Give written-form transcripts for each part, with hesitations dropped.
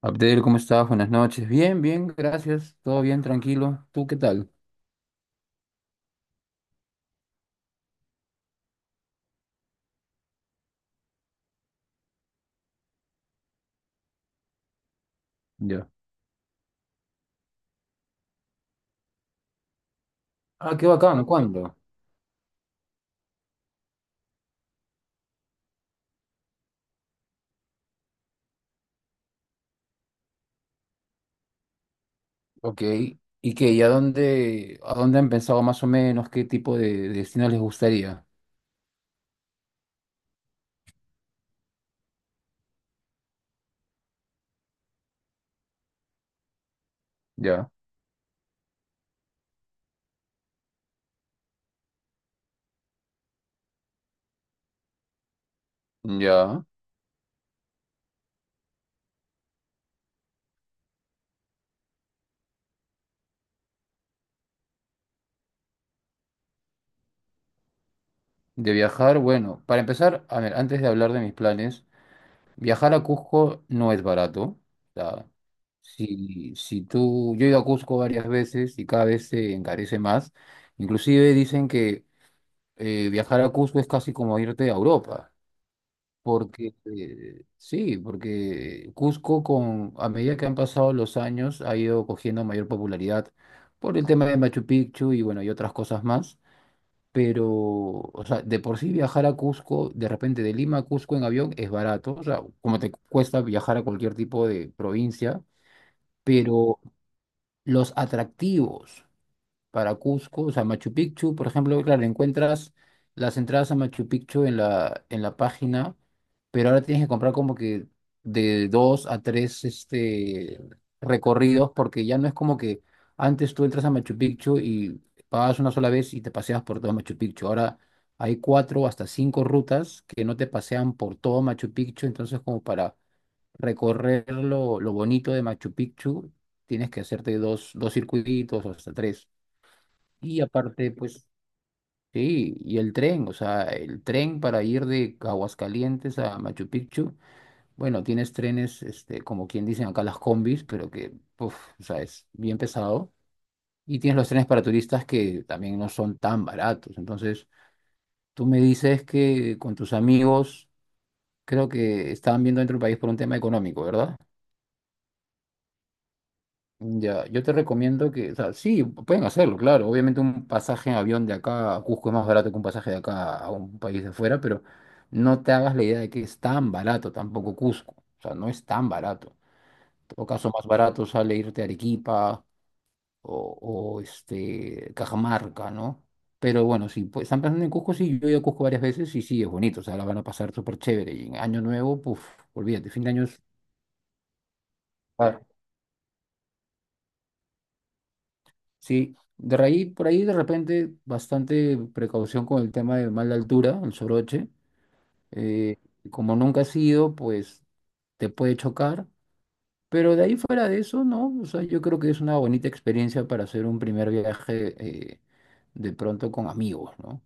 Abdel, ¿cómo estás? Buenas noches. Bien, bien, gracias. Todo bien, tranquilo. ¿Tú qué tal? Ya. Ah, qué bacano. ¿Cuándo? Ok. ¿Y qué? ¿Y a dónde han pensado más o menos qué tipo de destino les gustaría? Ya. Ya. De viajar, bueno, para empezar, a ver, antes de hablar de mis planes, viajar a Cusco no es barato. O sea, si tú, yo he ido a Cusco varias veces y cada vez se encarece más. Inclusive dicen que viajar a Cusco es casi como irte a Europa. Porque, sí, porque Cusco a medida que han pasado los años ha ido cogiendo mayor popularidad por el tema de Machu Picchu y bueno, y otras cosas más. Pero, o sea, de por sí viajar a Cusco, de repente de Lima a Cusco en avión es barato, o sea, como te cuesta viajar a cualquier tipo de provincia, pero los atractivos para Cusco, o sea, Machu Picchu, por ejemplo, claro, encuentras las entradas a Machu Picchu en la página, pero ahora tienes que comprar como que de dos a tres recorridos, porque ya no es como que antes tú entras a Machu Picchu y pagas una sola vez y te paseas por todo Machu Picchu. Ahora hay cuatro hasta cinco rutas que no te pasean por todo Machu Picchu, entonces como para recorrer lo bonito de Machu Picchu, tienes que hacerte dos circuitos o hasta tres. Y aparte, pues, sí, y el tren, o sea, el tren para ir de Aguascalientes a Machu Picchu, bueno, tienes trenes, como quien dicen acá las combis, pero que, uf, o sea, es bien pesado. Y tienes los trenes para turistas que también no son tan baratos. Entonces, tú me dices que con tus amigos, creo que estaban viendo dentro del país por un tema económico, ¿verdad? Ya, yo te recomiendo que, o sea, sí, pueden hacerlo, claro. Obviamente un pasaje en avión de acá a Cusco es más barato que un pasaje de acá a un país de afuera, pero no te hagas la idea de que es tan barato tampoco Cusco. O sea, no es tan barato. En todo caso, más barato sale irte a Arequipa o, o, Cajamarca, ¿no? Pero bueno, si pues, están pensando en Cusco, sí, yo he ido a Cusco varias veces y sí, es bonito. O sea, la van a pasar súper chévere. Y en Año Nuevo, puf, olvídate, fin de año es... Claro. Sí, de ahí, por ahí de repente bastante precaución con el tema de mala altura, el soroche. Eh, como nunca has ido, pues te puede chocar. Pero de ahí fuera de eso, no. O sea, yo creo que es una bonita experiencia para hacer un primer viaje de pronto con amigos, ¿no?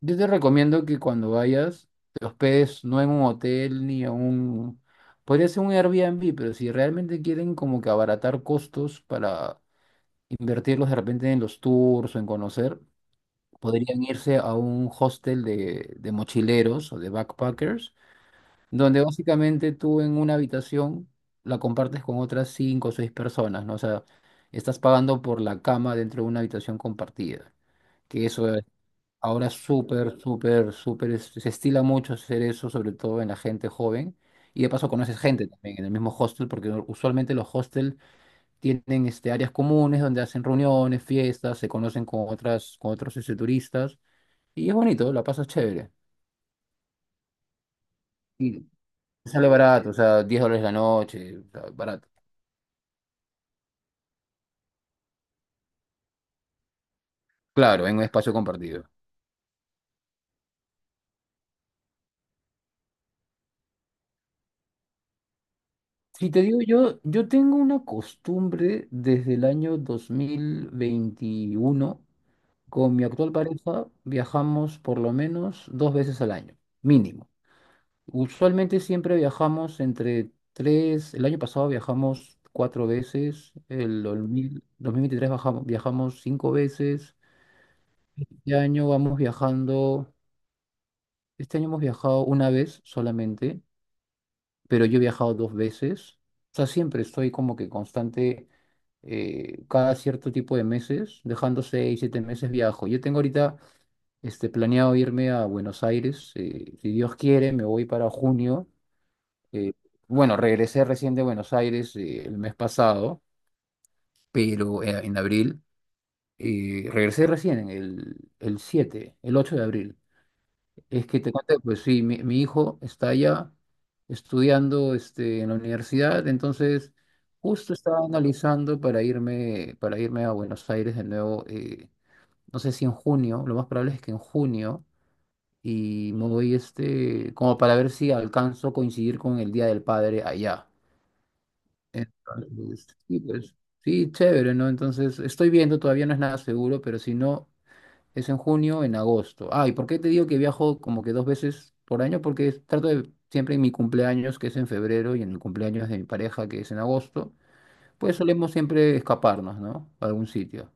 Yo te recomiendo que cuando vayas, te hospedes no en un hotel ni en un... Podría ser un Airbnb, pero si realmente quieren como que abaratar costos para invertirlos de repente en los tours o en conocer, podrían irse a un hostel de mochileros o de backpackers, donde básicamente tú en una habitación la compartes con otras cinco o seis personas, ¿no? O sea, estás pagando por la cama dentro de una habitación compartida, que eso es ahora súper, súper, súper, se estila mucho hacer eso, sobre todo en la gente joven. Y de paso conoces gente también en el mismo hostel, porque usualmente los hostels tienen áreas comunes donde hacen reuniones, fiestas, se conocen con otros turistas y es bonito, la pasas chévere. Y sale barato, o sea, $10 la noche, o sea, barato. Claro, en un espacio compartido. Si te digo yo, yo tengo una costumbre desde el año 2021 con mi actual pareja viajamos por lo menos dos veces al año, mínimo. Usualmente siempre viajamos entre tres, el año pasado viajamos cuatro veces, el 2000 2023 viajamos cinco veces, este año vamos viajando, este año hemos viajado una vez solamente, pero yo he viajado dos veces, o sea, siempre estoy como que constante, cada cierto tipo de meses, dejando seis, siete meses viajo. Yo tengo ahorita planeado irme a Buenos Aires, si Dios quiere, me voy para junio. Eh, bueno, regresé recién de Buenos Aires el mes pasado, pero en abril. Regresé recién, en el 7, el 8 de abril. Es que te conté, pues sí, mi hijo está allá estudiando en la universidad, entonces justo estaba analizando para irme, a Buenos Aires de nuevo, no sé si en junio, lo más probable es que en junio, y me voy como para ver si alcanzo a coincidir con el Día del Padre allá. Entonces, sí, pues, sí, chévere, ¿no? Entonces, estoy viendo, todavía no es nada seguro, pero si no, es en junio, o en agosto. Ah, ¿y por qué te digo que viajo como que dos veces por año? Porque trato de, siempre en mi cumpleaños, que es en febrero, y en el cumpleaños de mi pareja, que es en agosto, pues solemos siempre escaparnos, ¿no? A algún sitio.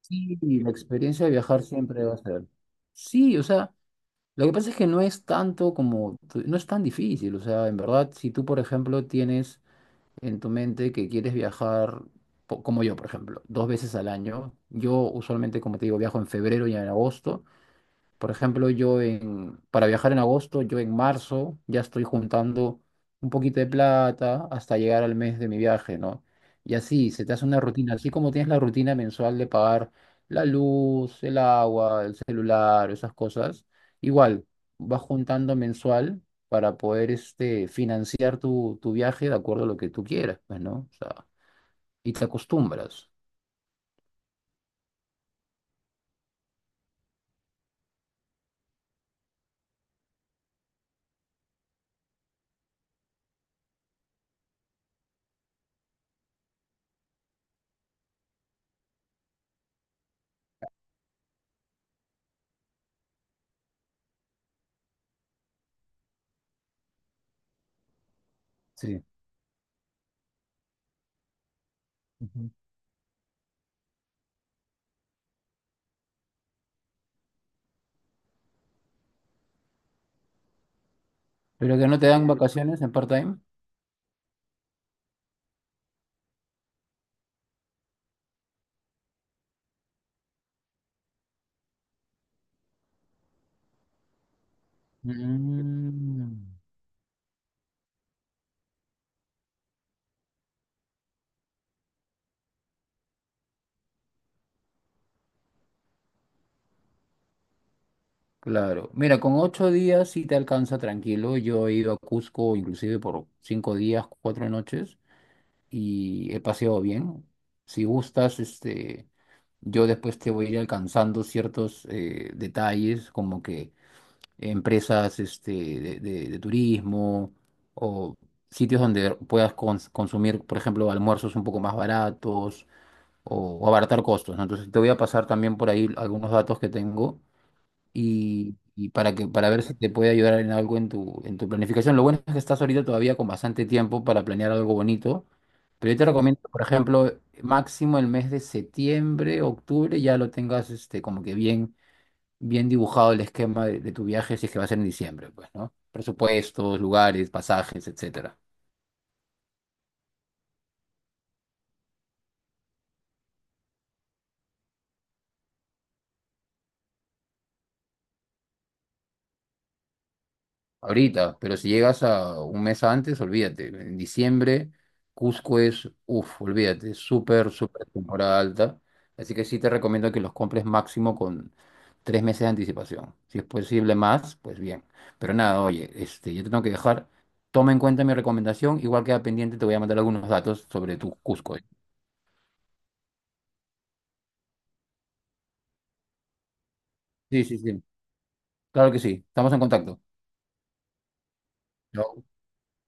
Sí, la experiencia de viajar siempre va a ser. Sí, o sea, lo que pasa es que no es tanto como, no es tan difícil, o sea, en verdad, si tú, por ejemplo, tienes en tu mente que quieres viajar, como yo, por ejemplo, dos veces al año. Yo usualmente, como te digo, viajo en febrero y en agosto. Por ejemplo, yo en, para viajar en agosto, yo en marzo ya estoy juntando un poquito de plata hasta llegar al mes de mi viaje, ¿no? Y así, se te hace una rutina, así como tienes la rutina mensual de pagar la luz, el agua, el celular, esas cosas, igual vas juntando mensual para poder financiar tu viaje de acuerdo a lo que tú quieras, pues, ¿no? O sea, y te acostumbras. Sí. Ujú. Pero que no te dan vacaciones en part-time. Mm. Claro, mira, con 8 días sí te alcanza tranquilo. Yo he ido a Cusco inclusive por 5 días, 4 noches y he paseado bien. Si gustas, yo después te voy a ir alcanzando ciertos detalles como que empresas de turismo o sitios donde puedas consumir, por ejemplo, almuerzos un poco más baratos o abaratar costos, ¿no? Entonces te voy a pasar también por ahí algunos datos que tengo y para que, para ver si te puede ayudar en algo en tu planificación. Lo bueno es que estás ahorita todavía con bastante tiempo para planear algo bonito, pero yo te recomiendo, por ejemplo, máximo el mes de septiembre, octubre, ya lo tengas como que bien, bien dibujado el esquema de tu viaje, si es que va a ser en diciembre, pues, ¿no? Presupuestos, lugares, pasajes, etcétera. Ahorita, pero si llegas a un mes antes, olvídate. En diciembre, Cusco es, uff, olvídate, súper, súper temporada alta. Así que sí te recomiendo que los compres máximo con 3 meses de anticipación. Si es posible más, pues bien. Pero nada, oye, yo te tengo que dejar. Toma en cuenta mi recomendación. Igual queda pendiente, te voy a mandar algunos datos sobre tu Cusco. ¿Eh? Sí, sí, sí. Claro que sí. Estamos en contacto. Chao.